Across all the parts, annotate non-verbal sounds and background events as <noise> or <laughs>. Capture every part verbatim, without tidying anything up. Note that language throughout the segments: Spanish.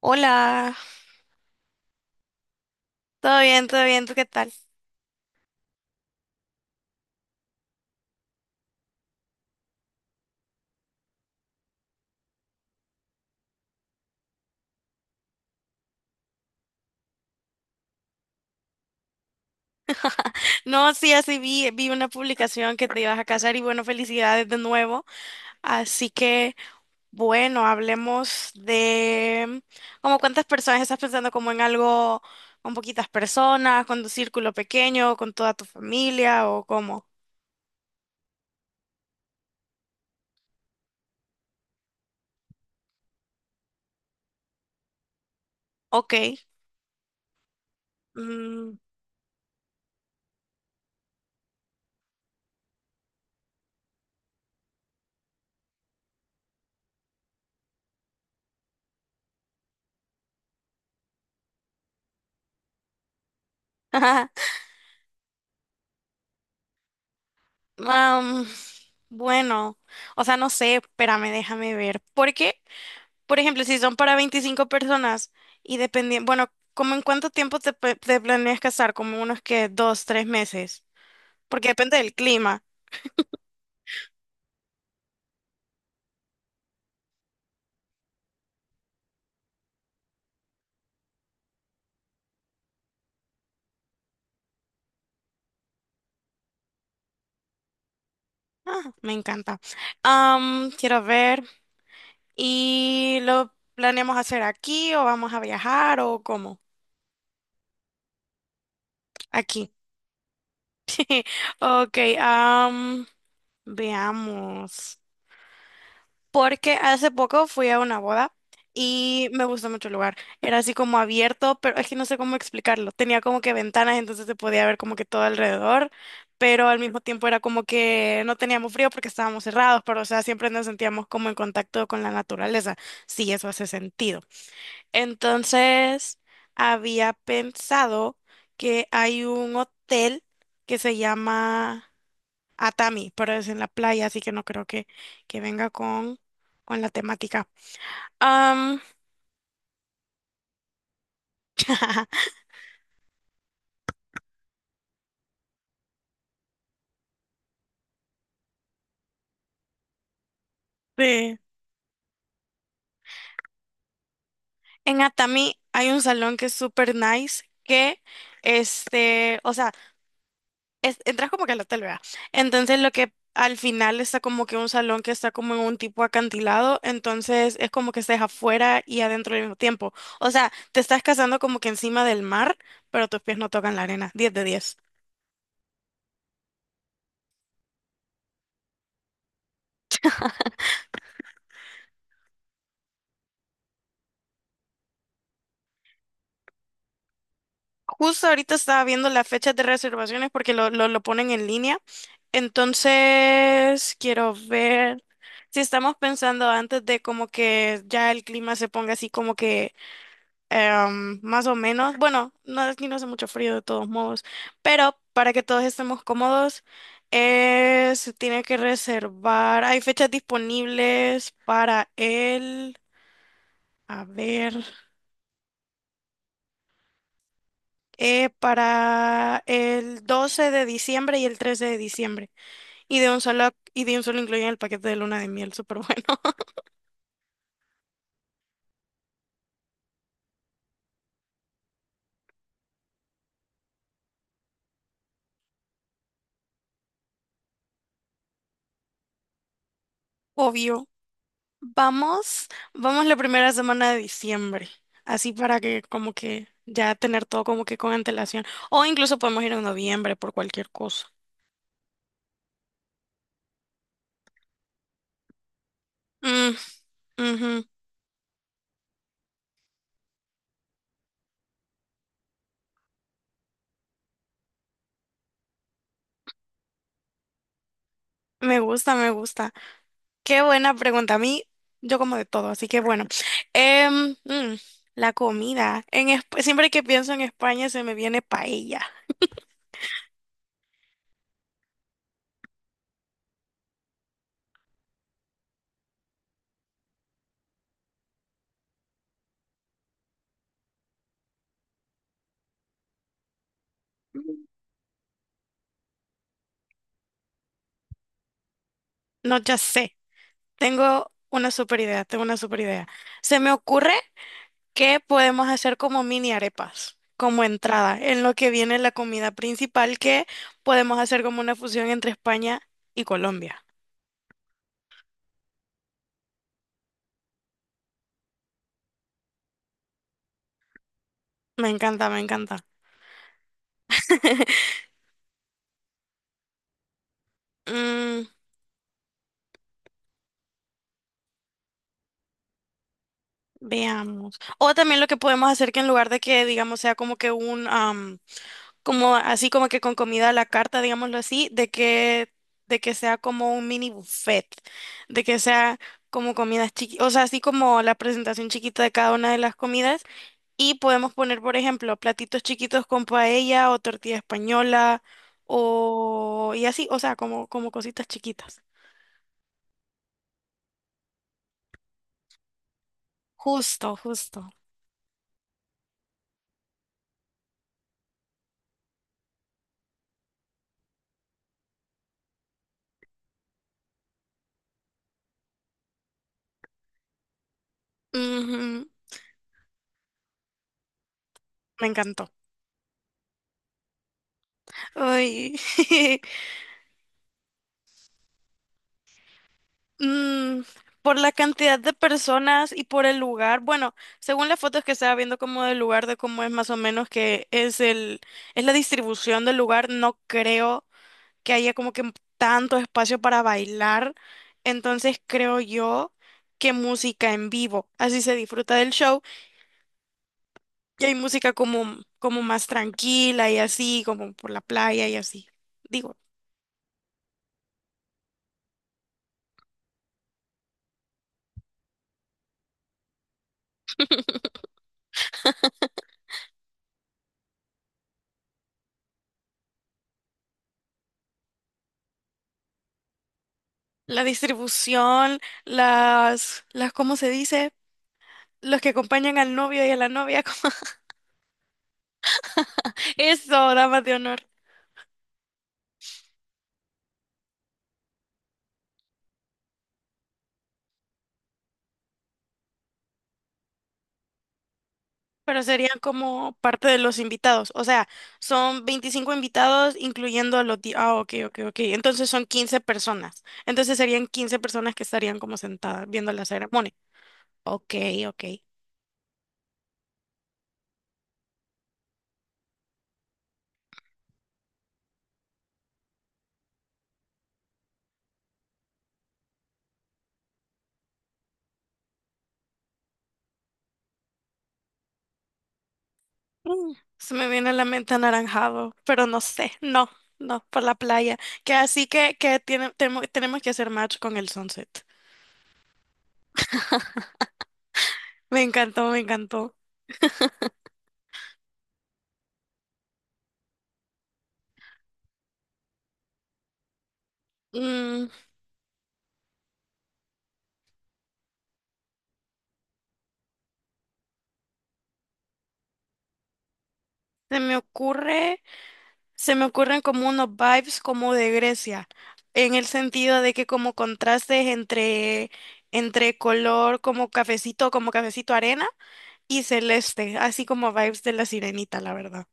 Hola, todo bien, todo bien, ¿tú qué tal? No, sí, así vi, vi una publicación que te ibas a casar y bueno, felicidades de nuevo. Así que bueno, hablemos de como cuántas personas estás pensando, como en algo con poquitas personas, con tu círculo pequeño, con toda tu familia o cómo. Ok. mm, <laughs> am, bueno, o sea, no sé, espérame, déjame ver. Porque por ejemplo, si son para veinticinco personas y dependiendo, bueno, ¿como en cuánto tiempo te, pe- te planeas casar? Como unos que dos, tres meses, porque depende del clima. Ah, me encanta. Am, quiero ver. ¿Y lo planeamos hacer aquí o vamos a viajar o cómo? Aquí. <laughs> Ok, am, veamos. Porque hace poco fui a una boda y me gustó mucho el lugar. Era así como abierto, pero es que no sé cómo explicarlo. Tenía como que ventanas, entonces se podía ver como que todo alrededor, pero al mismo tiempo era como que no teníamos frío porque estábamos cerrados, pero o sea, siempre nos sentíamos como en contacto con la naturaleza, si eso hace sentido. Entonces había pensado que hay un hotel que se llama a Tami, pero es en la playa, así que no creo que, que venga con, con la temática. Am, <laughs> de- en Atami hay un salón que es súper nice, que este, o sea, es- entras como que al hotel, ¿verdad? Entonces lo que al final está como que un salón que está como en un tipo acantilado, entonces es como que estás afuera y adentro al mismo tiempo. O sea, te estás casando como que encima del mar, pero tus pies no tocan la arena. Diez de diez. Justo ahorita estaba viendo las fechas de reservaciones porque lo, lo, lo ponen en línea. Entonces quiero ver si estamos pensando antes de como que ya el clima se ponga así como que em, más o menos. Bueno, no, aquí no hace mucho frío de todos modos, pero para que todos estemos cómodos, eh, se tiene que reservar. Hay fechas disponibles para el... A ver. eh, para el doce de diciembre y el trece de diciembre. Y de un solo, y de un solo incluyen el paquete de luna de miel, súper bueno, <laughs> obvio. Vamos, vamos la primera semana de diciembre, así para que como que ya tener todo como que con antelación. O incluso podemos ir en noviembre por cualquier cosa. Mm, ujú. Me gusta, me gusta. Qué buena pregunta. A mí, yo como de todo, así que bueno. Em, mm, la comida. En, Esp- siempre que pienso en España se me viene paella. No, ya sé. Tengo una super idea, tengo una super idea. Se me ocurre que podemos hacer como mini arepas, como entrada, en lo que viene la comida principal, que podemos hacer como una fusión entre España y Colombia. Me encanta, me encanta. Mm, veamos. O también lo que podemos hacer, que en lugar de que, digamos, sea como que un, como así como que con comida a la carta, digámoslo así, de que, de que sea como un mini buffet, de que sea como comidas chiquitas, o sea, así como la presentación chiquita de cada una de las comidas. Y podemos poner, por ejemplo, platitos chiquitos con paella o tortilla española o y así, o sea, como, como cositas chiquitas. Justo, justo. Ujú, me encantó. Ay. <laughs> Mm, por la cantidad de personas y por el lugar, bueno, según las fotos que estaba viendo como del lugar, de cómo es más o menos que es el, es la distribución del lugar, no creo que haya como que tanto espacio para bailar. Entonces creo yo que música en vivo, así se disfruta del show y hay música como, como más tranquila y así, como por la playa y así. Digo, la distribución, las, las, ¿cómo se dice? Los que acompañan al novio y a la novia, <laughs> como eso, damas de honor, pero serían como parte de los invitados. O sea, son veinticinco invitados, incluyendo a los... di- Ah, ok, ok, ok. Entonces son quince personas. Entonces serían quince personas que estarían como sentadas viendo la ceremonia. Ok, ok. Mm, se me viene a la mente anaranjado, pero no sé, no, no, por la playa. Que así que, que tiene- temo- tenemos que hacer match con el sunset. Me encantó, me encantó. Mm, se me ocurre. Se me ocurren como unos vibes como de Grecia, en el sentido de que como contrastes entre, entre color como cafecito, como cafecito arena y celeste, así como vibes de la sirenita, la verdad.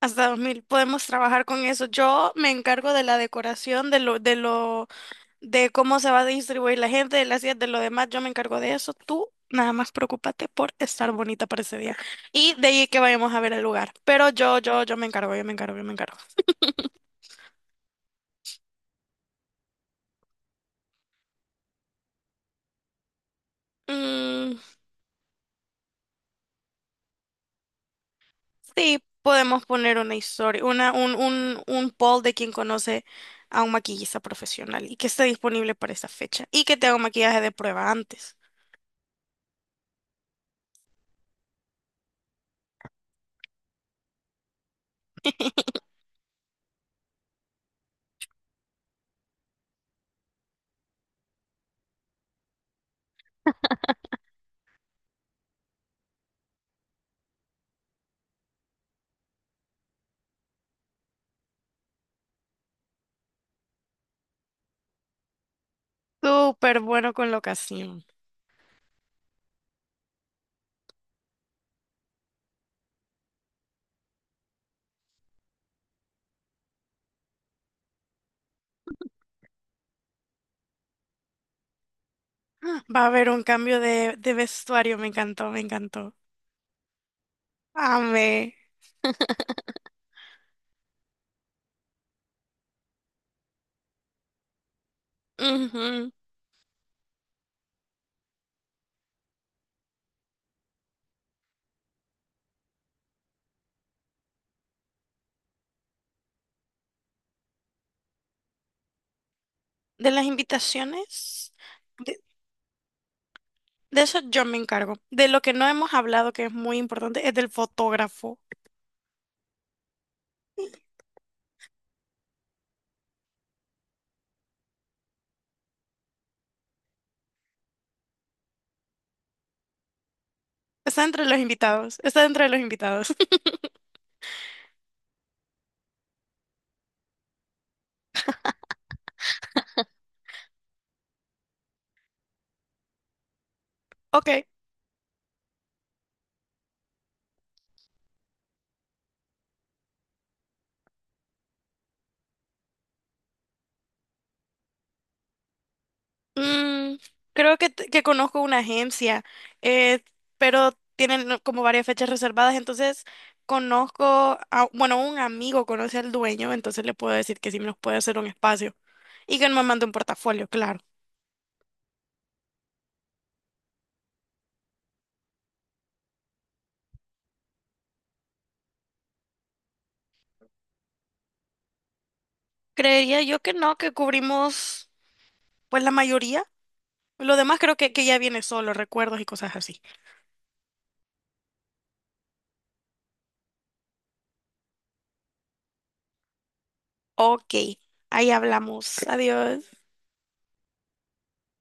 Hasta dos mil podemos trabajar con eso. Yo me encargo de la decoración, de lo, de lo, de cómo se va a distribuir la gente, de las sillas, de lo demás, yo me encargo de eso. Tú nada más preocúpate por estar bonita para ese día. Y de ahí que vayamos a ver el lugar. Pero yo, yo, yo me encargo, yo me encargo, yo me encargo. Mm, sí, podemos poner una historia, una, un, un, un poll de quien conoce a un maquillista profesional y que esté disponible para esa fecha y que tenga un maquillaje de prueba antes. Súper bueno con la ocasión. Va a haber un cambio de, de vestuario, me encantó, me encantó. Amé. Ujú. De las invitaciones, de, de eso yo me encargo. De lo que no hemos hablado, que es muy importante, es del fotógrafo. Está entre los invitados, está entre los invitados. <laughs> Ok. Mm, creo que, t- que conozco una agencia, eh, pero tienen, ¿no?, como varias fechas reservadas, entonces conozco, a- bueno, un amigo conoce al dueño, entonces le puedo decir que sí nos puede hacer un espacio y que me mande un portafolio, claro. Creería yo que no, que cubrimos pues la mayoría. Lo demás creo que, que ya viene solo, recuerdos y cosas así. Ok, ahí hablamos. Adiós.